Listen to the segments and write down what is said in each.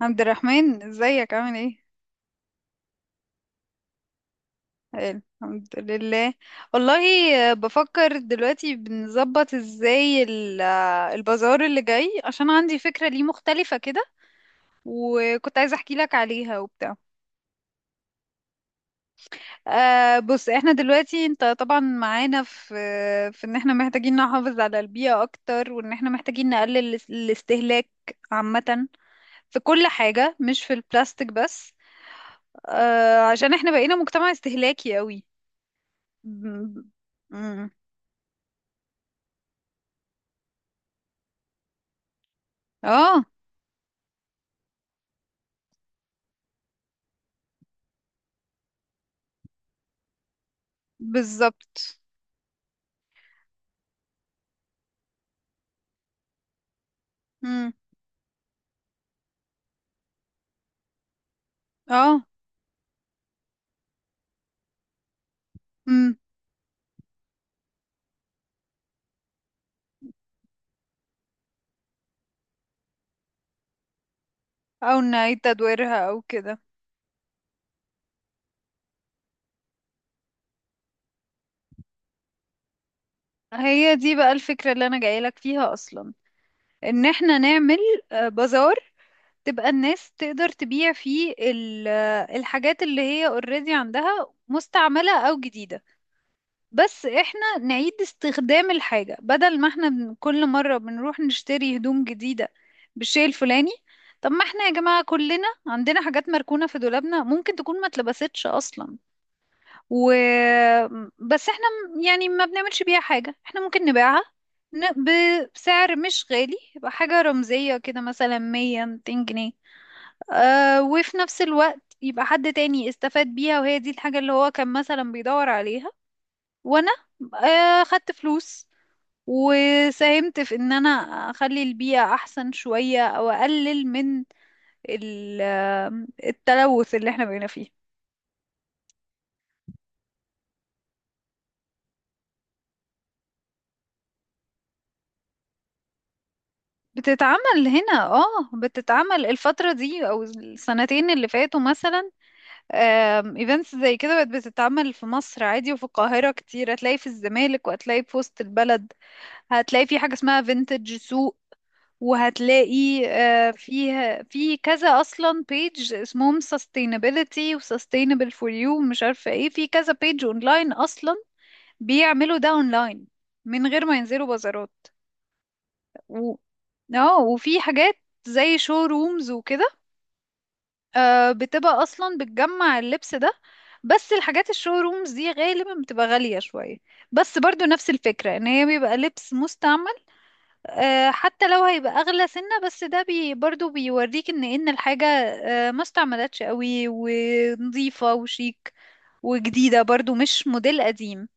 عبد الرحمن، ازيك؟ عامل ايه؟ حلو، الحمد لله. والله. بفكر دلوقتي بنظبط ازاي البازار اللي جاي، عشان عندي فكرة ليه مختلفة كده. وكنت عايزة احكي لك عليها وبتاع. بص، احنا دلوقتي انت طبعا معانا في ان احنا محتاجين نحافظ على البيئة اكتر، وان احنا محتاجين نقلل الاستهلاك عامة في كل حاجة، مش في البلاستيك بس. عشان احنا بقينا مجتمع استهلاكي قوي. ب- مم. اه، بالظبط. مم. اه. مم. او نعيد تدويرها او كده. هي دي بقى الفكرة اللي انا جايلك فيها اصلا. ان احنا نعمل بازار، تبقى الناس تقدر تبيع فيه الحاجات اللي هي اوريدي عندها، مستعملة او جديدة. بس احنا نعيد استخدام الحاجة، بدل ما احنا كل مرة بنروح نشتري هدوم جديدة بالشيء الفلاني. طب، ما احنا يا جماعة كلنا عندنا حاجات مركونة في دولابنا، ممكن تكون ما اتلبستش اصلا. و بس احنا يعني ما بنعملش بيها حاجة، احنا ممكن نبيعها ن- بسعر مش غالي، يبقى حاجة رمزية كده، مثلا 100 200 جنيه. اه، وفي نفس الوقت يبقى حد تاني استفاد بيها، وهي دي الحاجة اللي هو كان مثلا بيدور عليها. وانا خدت فلوس، وساهمت في ان انا اخلي البيئة احسن شوية، او اقلل من التلوث اللي احنا بقينا فيه. بتتعمل هنا، اه، بتتعمل الفترة دي او السنتين اللي فاتوا مثلا. ايفنتس زي كده بقت بتتعمل في مصر عادي، وفي القاهرة كتير. هتلاقي في الزمالك، وهتلاقي في وسط البلد. هتلاقي في حاجة اسمها فينتج سوق. وهتلاقي فيها في كذا اصلا بيج، اسمهم sustainability و sustainable for you، مش عارفه ايه. في كذا بيج اونلاين اصلا بيعملوا ده اونلاين، من غير ما ينزلوا بازارات. و... اه، وفي حاجات زي شو رومز وكده، بتبقى اصلا بتجمع اللبس ده. بس الحاجات الشو رومز دي غالبا بتبقى غالية شوية، بس برضو نفس الفكرة، ان هي بيبقى لبس مستعمل. حتى لو هيبقى اغلى سنة، بس ده برضو بيوريك ان الحاجة ما استعملتش قوي، ونظيفة وشيك، وجديدة برضو، مش موديل قديم.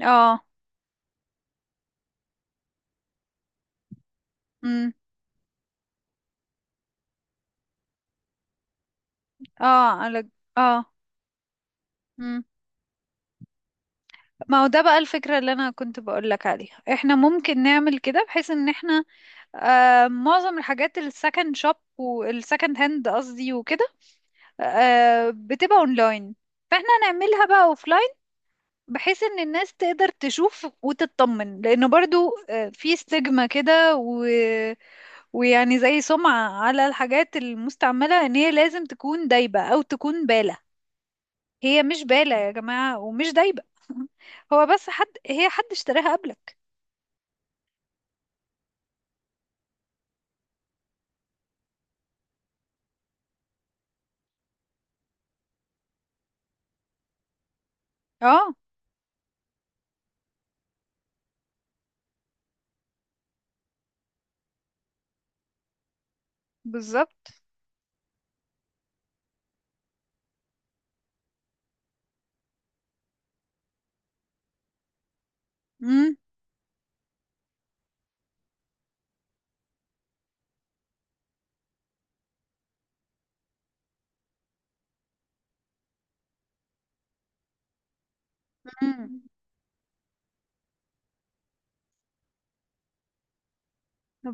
اه. امم اه، على. اه. امم ما هو ده بقى الفكرة اللي انا كنت بقول لك عليها. احنا ممكن نعمل كده، بحيث ان احنا معظم الحاجات السكند شوب والسكند هاند، قصدي وكده، بتبقى اونلاين، فاحنا نعملها بقى اوفلاين، بحيث ان الناس تقدر تشوف وتطمن، لانه برضو في ستيجما كده. ويعني زي سمعة على الحاجات المستعملة، ان هي لازم تكون دايبة او تكون بالة. هي مش بالة يا جماعة، ومش دايبة. هو بس حد، هي، حد اشتراها قبلك. اه، بالظبط. امم امم،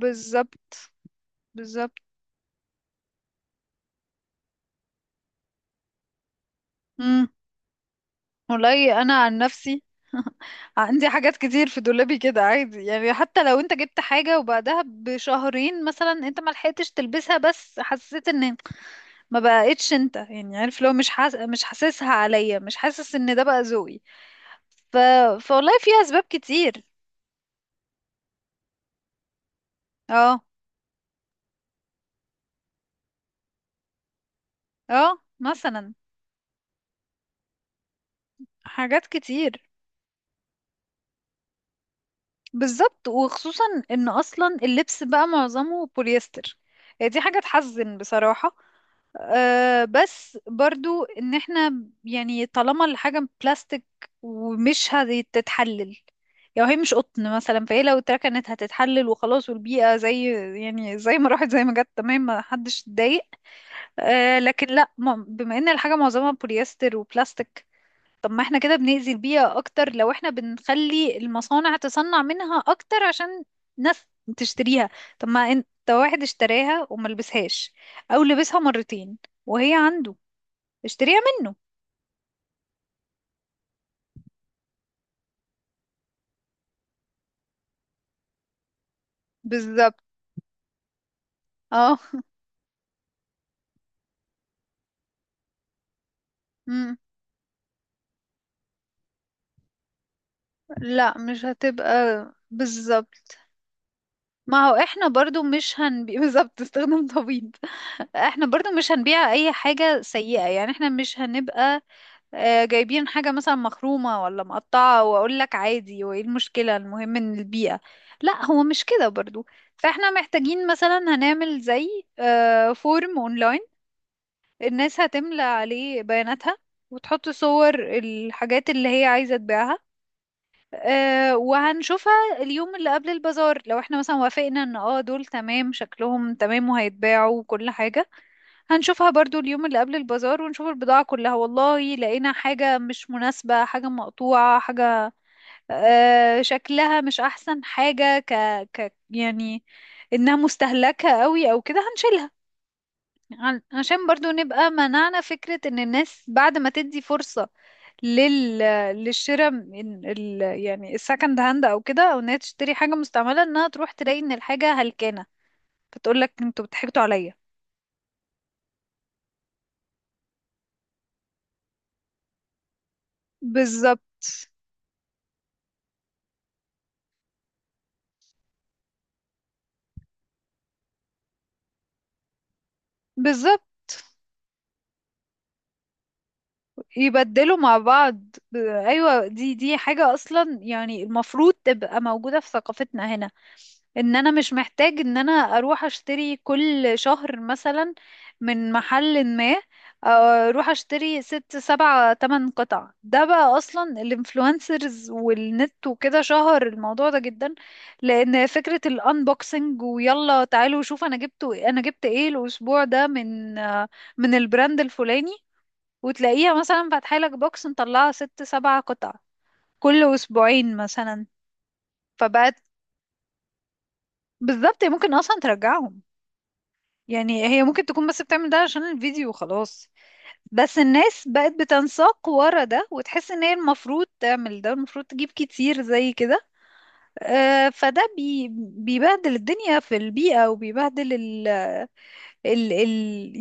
بالظبط. بالظبط. امم. والله انا عن نفسي. عندي حاجات كتير في دولابي كده، عادي يعني. حتى لو انت جبت حاجة وبعدها بشهرين مثلا انت ما لحقتش تلبسها، بس حسيت ان ما بقتش انت، يعني عارف، لو مش مش حاسسها عليا، مش حاسس ان ده بقى ذوقي. ف... فوالله في اسباب كتير. اه. اه، مثلا. حاجات كتير. بالظبط، وخصوصا ان اصلا اللبس بقى معظمه بوليستر. هي دي حاجة تحزن بصراحة. بس برضو، ان احنا يعني طالما الحاجة بلاستيك ومش هتتحلل. يعني هي مش قطن مثلا، فهي لو اتركنت هتتحلل وخلاص، والبيئة زي يعني زي ما راحت زي ما جت، تمام، ما حدش اتضايق. لكن لا، بما ان الحاجة معظمها بوليستر وبلاستيك، طب ما احنا كده بنأذي البيئة اكتر، لو احنا بنخلي المصانع تصنع منها اكتر عشان ناس تشتريها. طب، ما انت، واحد اشتراها وما لبسهاش او لبسها مرتين وهي عنده، اشتريها منه. بالظبط. اه. مم. لا، مش هتبقى. بالظبط. ما هو احنا برضو مش هنبيع. بالظبط، استخدام طبيب. احنا برضو مش هنبيع اي حاجة سيئة يعني. احنا مش هنبقى جايبين حاجة مثلا مخرومة ولا مقطعة، وأقول لك عادي وإيه المشكلة، المهم إن البيئة. لا، هو مش كده برضو. فإحنا محتاجين، مثلا هنعمل زي فورم أونلاين، الناس هتملى عليه بياناتها، وتحط صور الحاجات اللي هي عايزة تبيعها. وهنشوفها اليوم اللي قبل البازار، لو احنا مثلا وافقنا ان دول تمام، شكلهم تمام وهيتباعوا وكل حاجة. هنشوفها برضو اليوم اللي قبل البازار، ونشوف البضاعة كلها. والله لقينا حاجة مش مناسبة، حاجة مقطوعة، حاجة شكلها مش أحسن، حاجة يعني إنها مستهلكة قوي أو كده، هنشيلها. عشان برضو نبقى منعنا فكرة ان الناس، بعد ما تدي فرصة لل للشراء من يعني السكند هاند او كده، او انها تشتري حاجة مستعملة، انها تروح تلاقي ان الحاجة هلكانة، فتقول لك انتوا بتحكتوا عليا. بالظبط. بالظبط. يبدلوا مع بعض. ايوه، دي حاجة اصلا يعني المفروض تبقى موجودة في ثقافتنا هنا. ان انا مش محتاج ان انا اروح اشتري كل شهر مثلا من محل ما، اروح اشتري 6 7 8 قطع. ده بقى اصلا الانفلونسرز والنت وكده شهر الموضوع ده جدا، لان فكرة الانبوكسنج، ويلا تعالوا شوف انا جبت ايه الاسبوع ده من من البراند الفلاني، وتلاقيها مثلا فاتحة لك بوكس مطلعة 6 7 قطع كل أسبوعين مثلا. فبقت. بالظبط، هي ممكن أصلا ترجعهم. يعني هي ممكن تكون بس بتعمل ده عشان الفيديو وخلاص. بس الناس بقت بتنساق ورا ده، وتحس ان هي المفروض تعمل ده، المفروض تجيب كتير زي كده. فده بيبهدل الدنيا في البيئة، وبيبهدل ال ال ال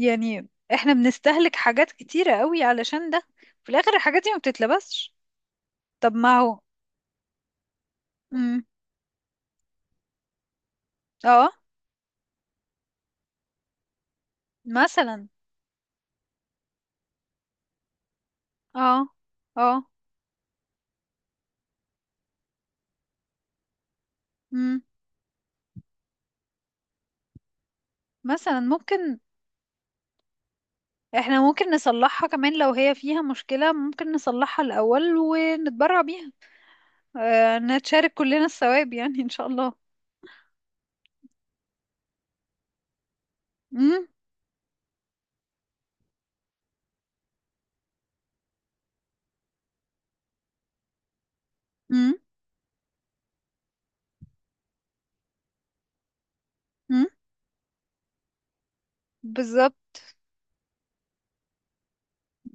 يعني احنا بنستهلك حاجات كتيرة قوي علشان ده. في الآخر الحاجات دي ما بتتلبسش. طب ما هو. مم. اه، مثلا. اه. اه. امم مثلا ممكن. احنا ممكن نصلحها كمان، لو هي فيها مشكلة ممكن نصلحها الأول ونتبرع بيها. نتشارك كلنا الثواب يعني، ان شاء الله. امم امم امم بالظبط.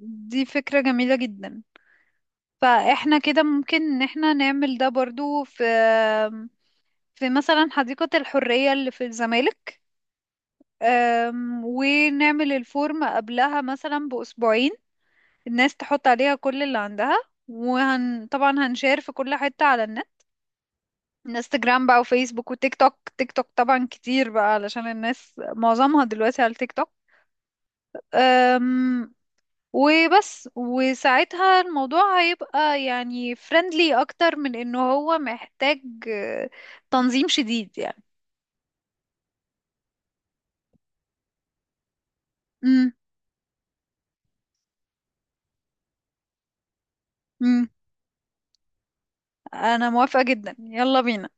دي فكرة جميلة جدا. فاحنا كده ممكن ان احنا نعمل ده برضو، في مثلا حديقة الحرية اللي في الزمالك. ونعمل الفورم قبلها مثلا بأسبوعين. الناس تحط عليها كل اللي عندها، وهن طبعا هنشير في كل حتة على النت. انستجرام بقى، وفيسبوك، وتيك توك. تيك توك طبعا كتير بقى، علشان الناس معظمها دلوقتي على التيك توك. أم... وبس. وساعتها الموضوع هيبقى يعني فريندلي اكتر، من انه هو محتاج آه، تنظيم شديد يعني. امم انا موافقة جدا، يلا بينا.